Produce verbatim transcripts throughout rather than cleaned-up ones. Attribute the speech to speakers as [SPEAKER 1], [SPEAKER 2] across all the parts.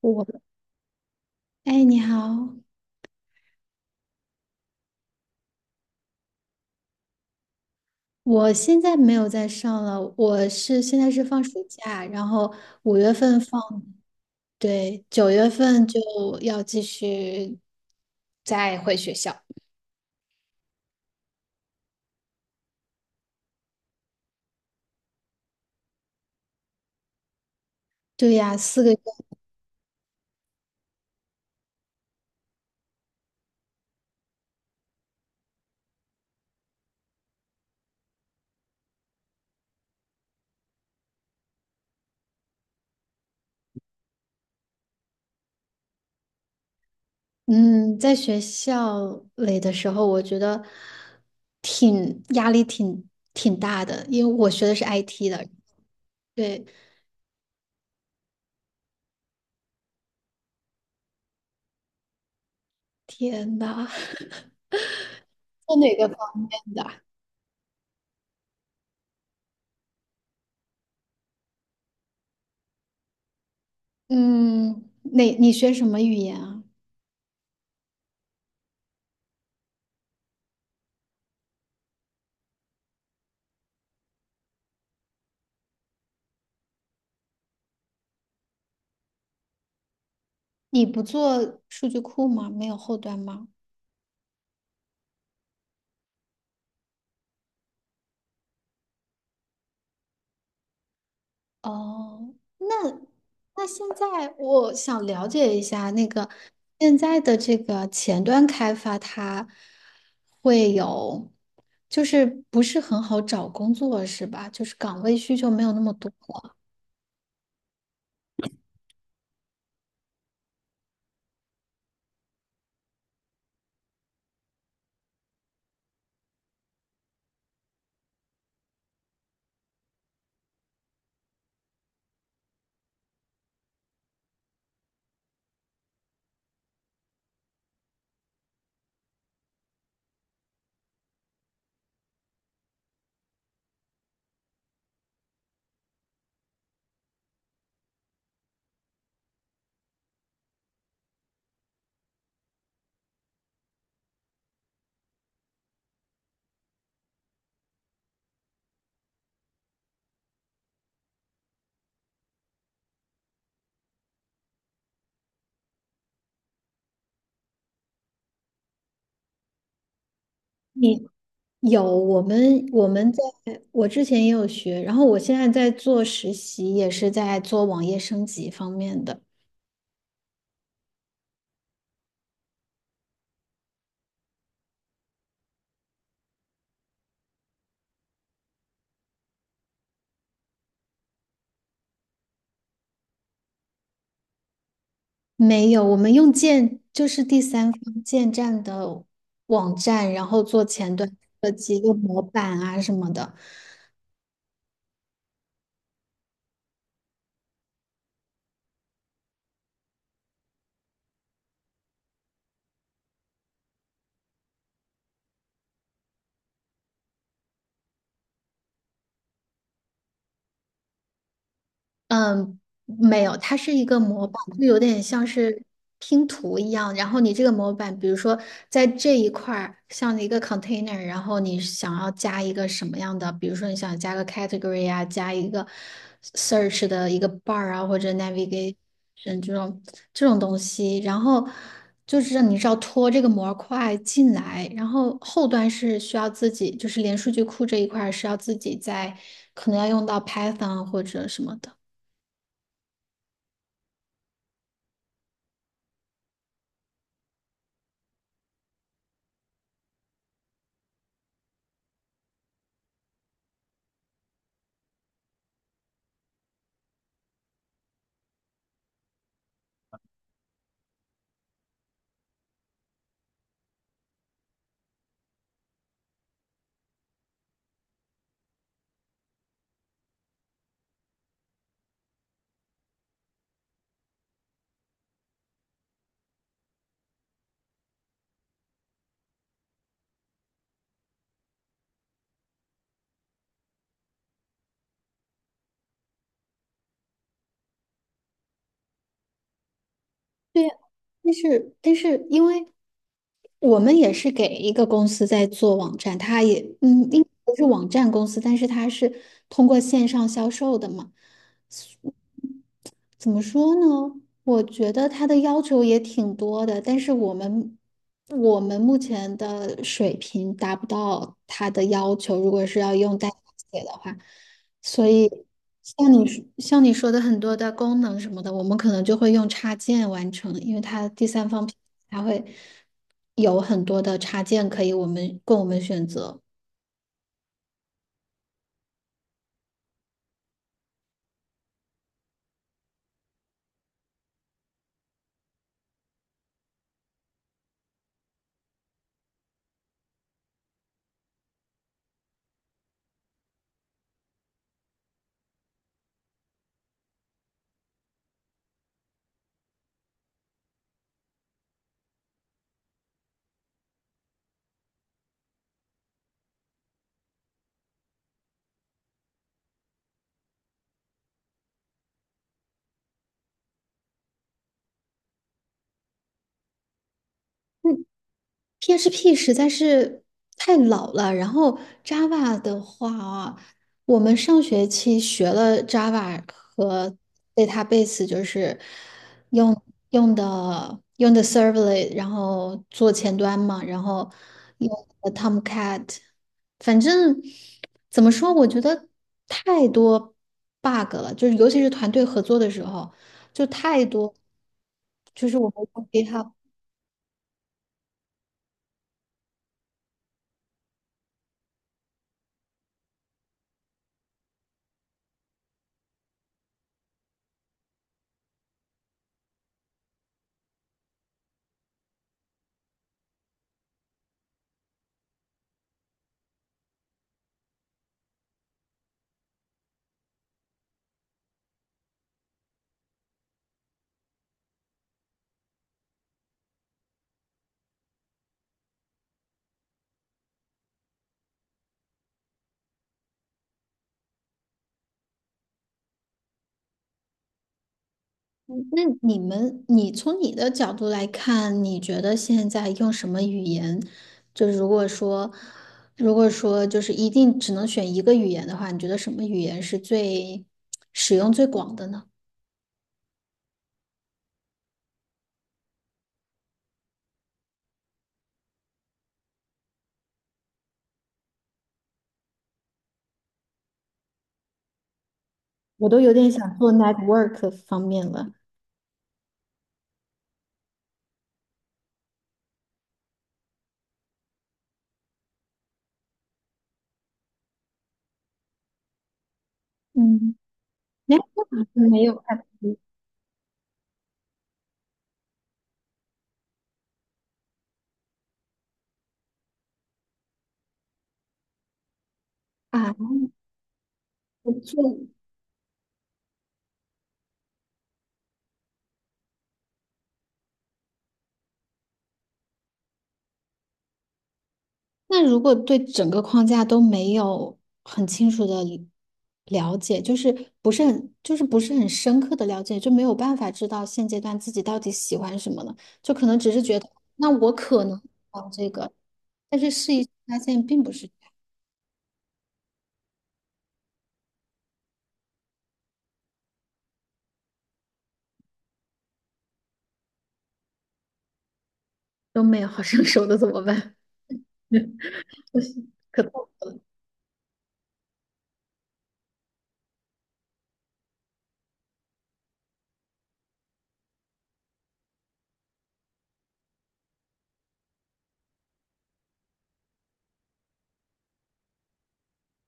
[SPEAKER 1] 我，哎，你好，我现在没有在上了，我是现在是放暑假，然后五月份放，对，九月份就要继续再回学校。对呀，四个月，嗯，在学校里的时候，我觉得挺压力挺挺大的，因为我学的是 I T 的，对，天呐，做哪个方面的？嗯，哪，你学什么语言啊？你不做数据库吗？没有后端吗？哦，那那现在我想了解一下，那个现在的这个前端开发，它会有，就是不是很好找工作是吧？就是岗位需求没有那么多。你有我们我们在我之前也有学，然后我现在在做实习，也是在做网页升级方面的。没有，我们用建就是第三方建站的网站，然后做前端设计，用模板啊什么的。嗯，没有，它是一个模板，就有点像是拼图一样。然后你这个模板，比如说在这一块儿，像一个 container，然后你想要加一个什么样的，比如说你想加个 category 啊，加一个 search 的一个 bar 啊，或者 navigation 这种这种东西，然后就是让你是要拖这个模块进来，然后后端是需要自己，就是连数据库这一块儿是要自己在，可能要用到 Python 或者什么的。对呀，但是但是，因为我们也是给一个公司在做网站，它也嗯，应该不是网站公司，但是它是通过线上销售的嘛。怎么说呢？我觉得他的要求也挺多的，但是我们我们目前的水平达不到他的要求，如果是要用代码写的话，所以像你说像你说的很多的功能什么的，我们可能就会用插件完成，因为它第三方平台它会有很多的插件可以我们供我们选择。P H P 实在是太老了，然后 Java 的话啊，我们上学期学了 Java 和 database，就是用用的用的 Servlet，然后做前端嘛，然后用的 Tomcat，反正怎么说，我觉得太多 bug 了，就是尤其是团队合作的时候，就太多，就是我们用 GitHub。那你们，你从你的角度来看，你觉得现在用什么语言？就是如果说，如果说就是一定只能选一个语言的话，你觉得什么语言是最使用最广的呢？我都有点想做 network 方面了。嗯，network 没有 app 啊，不错那如果对整个框架都没有很清楚的了解，就是不是很，就是不是很深刻的了解，就没有办法知道现阶段自己到底喜欢什么了，就可能只是觉得，那我可能往这个，但是试一试发现并不是这样都没有好上手的怎么办？我是可痛苦了，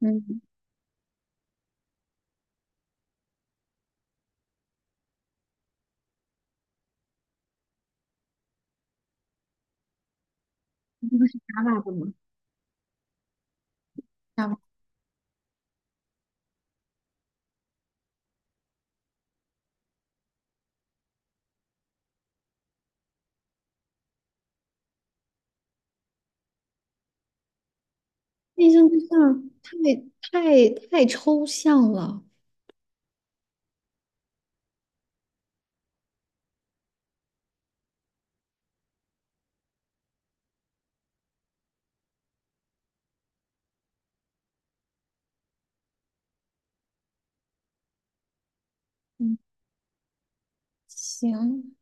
[SPEAKER 1] 嗯，打靶的嘛。打道吗？内对象太太太抽象了，嗯，行，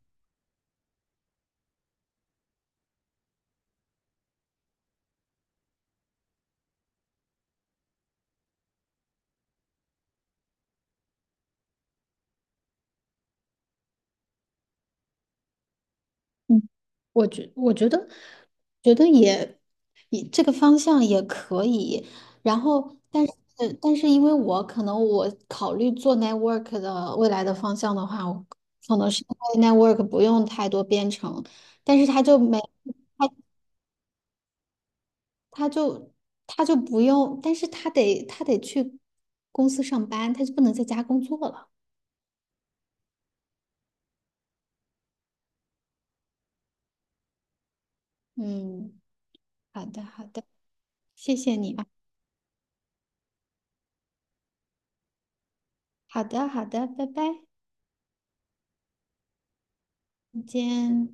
[SPEAKER 1] 嗯，我觉我觉得觉得也也这个方向也可以，然后但是但是因为我可能我考虑做 network 的未来的方向的话，我可能是因为 network 不用太多编程，但是他就没他就他就不用，但是他得他得去公司上班，他就不能在家工作了。嗯，好的好的，谢谢你啊，好的好的，拜拜，再见。